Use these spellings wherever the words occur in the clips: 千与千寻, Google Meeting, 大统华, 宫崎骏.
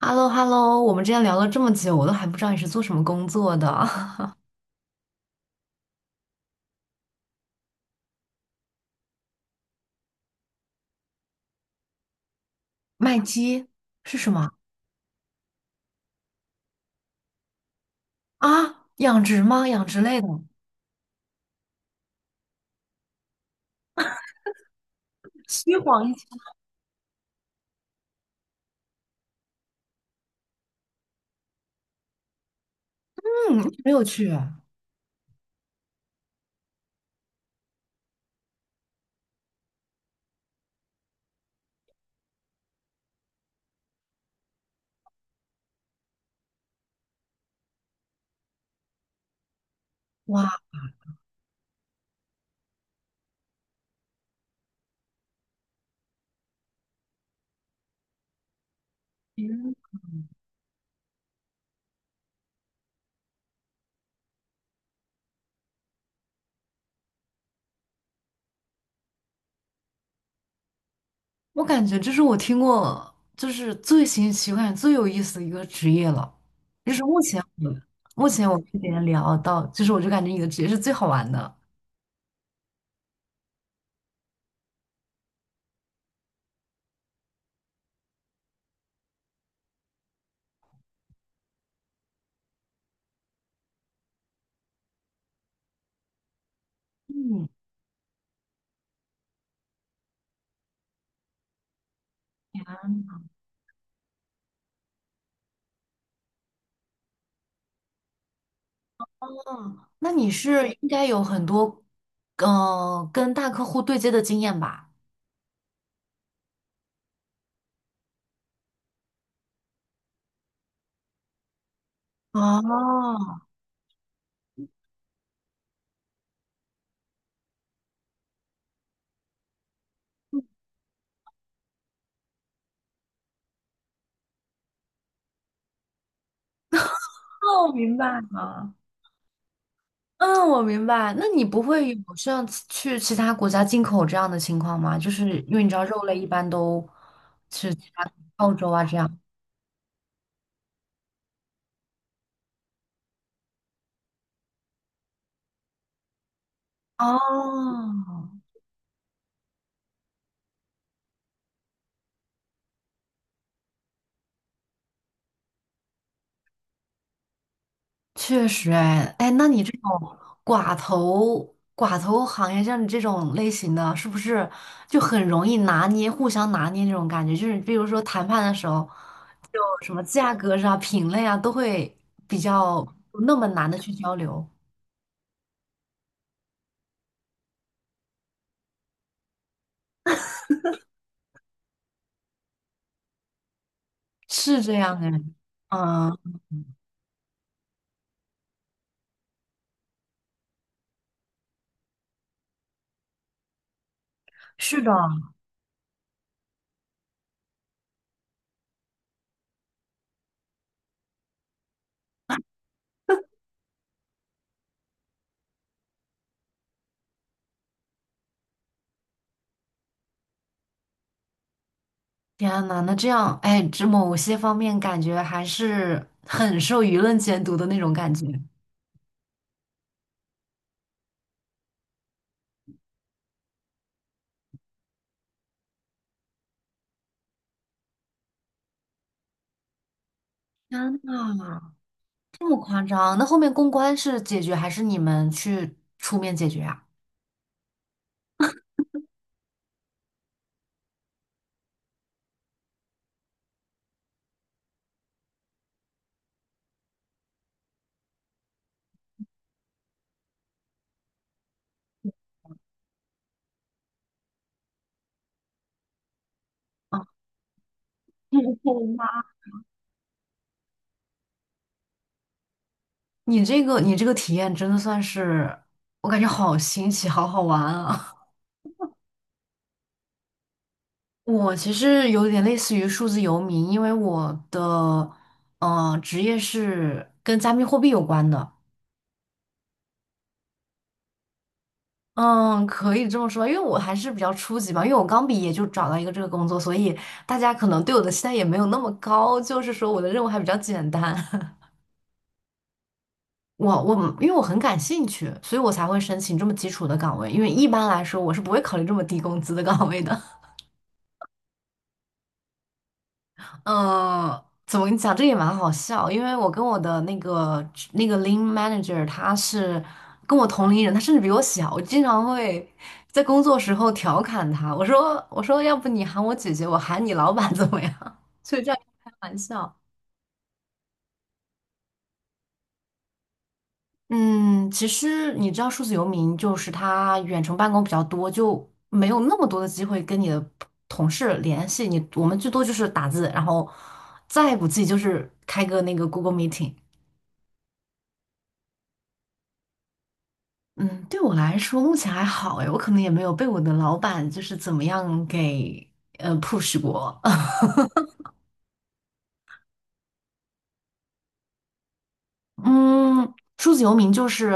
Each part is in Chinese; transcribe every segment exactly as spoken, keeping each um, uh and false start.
H e l l o h e l l o 我们之前聊了这么久，我都还不知道你是做什么工作的。卖鸡是什么啊？养殖吗？养殖类的？虚黄？一下嗯，没有去。哇，嗯，我感觉这是我听过就是最新奇、我感觉最有意思的一个职业了。就是目前我目前我跟别人聊到，就是我就感觉你的职业是最好玩的。嗯，嗯，那你是应该有很多嗯、呃跟大客户对接的经验吧？哦，哦，明白了。嗯，我明白。那你不会有像其去其他国家进口这样的情况吗？就是因为你知道肉类一般都去其他澳洲啊这样。哦，确实哎，哎，那你这种寡头寡头行业，像你这种类型的，是不是就很容易拿捏，互相拿捏那种感觉？就是比如说谈判的时候，就什么价格上、品类啊，都会比较不那么难的去交流。是这样哎，嗯，是的，天呐，那这样，哎，这某些方面感觉还是很受舆论监督的那种感觉。天呐，这么夸张？那后面公关是解决还是你们去出面解决啊？啊，天你这个你这个体验真的算是，我感觉好新奇，好好玩啊！我其实有点类似于数字游民，因为我的呃职业是跟加密货币有关的。嗯，可以这么说，因为我还是比较初级嘛，因为我刚毕业就找到一个这个工作，所以大家可能对我的期待也没有那么高，就是说我的任务还比较简单。我我因为我很感兴趣，所以我才会申请这么基础的岗位，因为一般来说我是不会考虑这么低工资的岗位的。嗯，怎么跟你讲？这个也蛮好笑，因为我跟我的那个那个 lean manager，他是跟我同龄人，他甚至比我小。我经常会在工作时候调侃他，我说我说，要不你喊我姐姐，我喊你老板怎么样？所以这样开玩笑。嗯，其实你知道，数字游民就是他远程办公比较多，就没有那么多的机会跟你的同事联系。你我们最多就是打字，然后再不济就是开个那个 Google Meeting。嗯，对我来说目前还好诶，我可能也没有被我的老板就是怎么样给呃 push 过。嗯，数字游民就是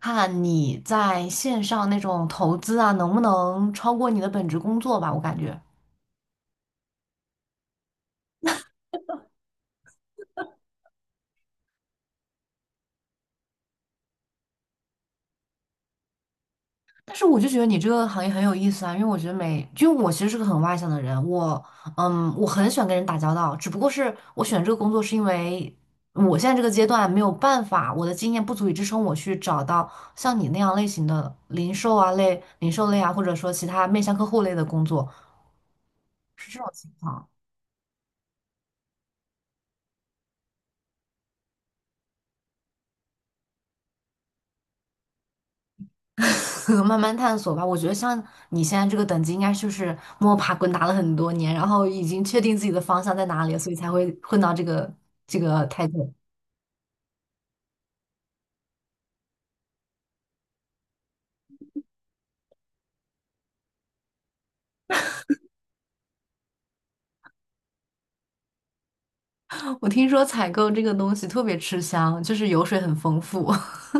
看你在线上那种投资啊，能不能超过你的本职工作吧，我感觉。但是我就觉得你这个行业很有意思啊，因为我觉得每，就我其实是个很外向的人，我，嗯，我很喜欢跟人打交道，只不过是我选这个工作是因为我现在这个阶段没有办法，我的经验不足以支撑我去找到像你那样类型的零售啊类、零售类啊，或者说其他面向客户类的工作，是这种情况，慢慢探索吧。我觉得像你现在这个等级，应该就是摸爬滚打了很多年，然后已经确定自己的方向在哪里了，所以才会混到这个这个态度。我听说采购这个东西特别吃香，就是油水很丰富。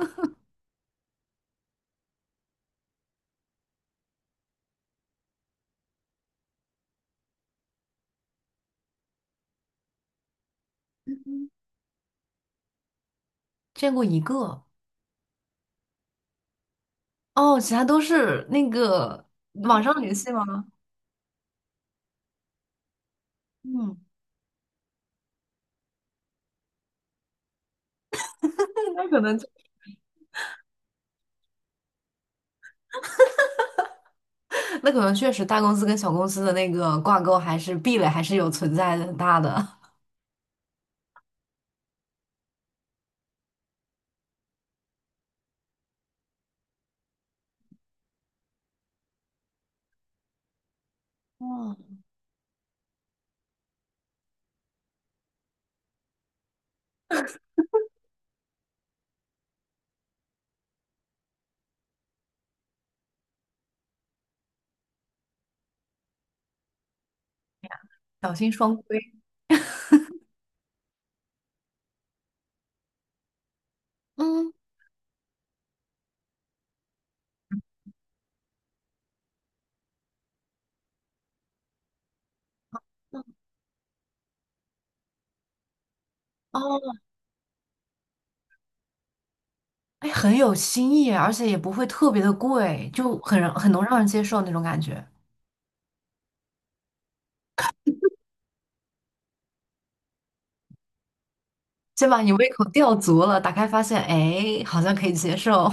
见过一个哦，其他都是那个网上联系吗？嗯，那那可能就那可能确实大公司跟小公司的那个挂钩还是壁垒还是有存在的很大的。哦，小心双规。嗯，哦，哎，很有新意，而且也不会特别的贵，就很让很能让人接受那种感觉。先把你胃口吊足了，打开发现，哎，好像可以接受。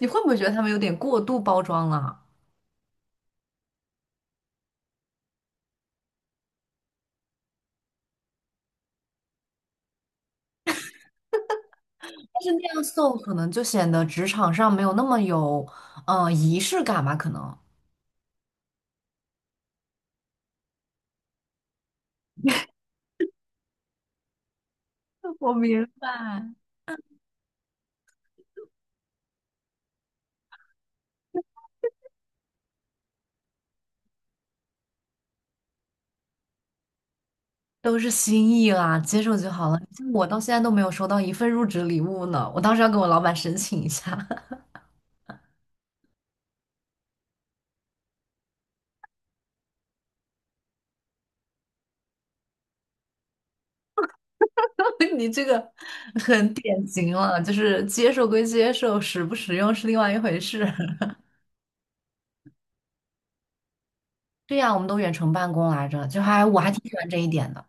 你会不会觉得他们有点过度包装了？但是那样送可能就显得职场上没有那么有，呃，仪式感吧？可能 我明白。都是心意啦，接受就好了。像我到现在都没有收到一份入职礼物呢，我当时要跟我老板申请一下。你这个很典型了，就是接受归接受，实不实用是另外一回事。对呀，我们都远程办公来着，就还我还挺喜欢这一点的。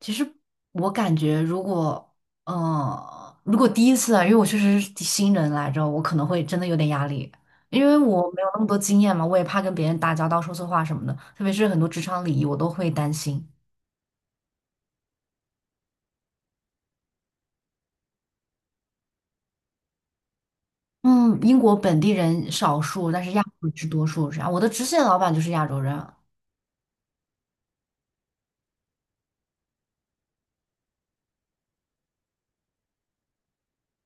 其实我感觉，如果，嗯，如果第一次啊，因为我确实是新人来着，我可能会真的有点压力，因为我没有那么多经验嘛，我也怕跟别人打交道说错话什么的，特别是很多职场礼仪，我都会担心。嗯，英国本地人少数，但是亚洲人是多数，这样。我的直线老板就是亚洲人。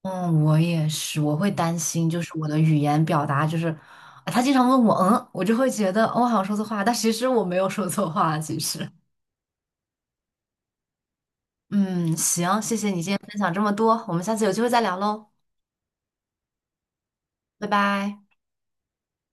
嗯，我也是，我会担心，就是我的语言表达，就是啊他经常问我，嗯，我就会觉得，哦我好像说错话，但其实我没有说错话，其实。嗯，行，谢谢你今天分享这么多，我们下次有机会再聊喽，拜拜。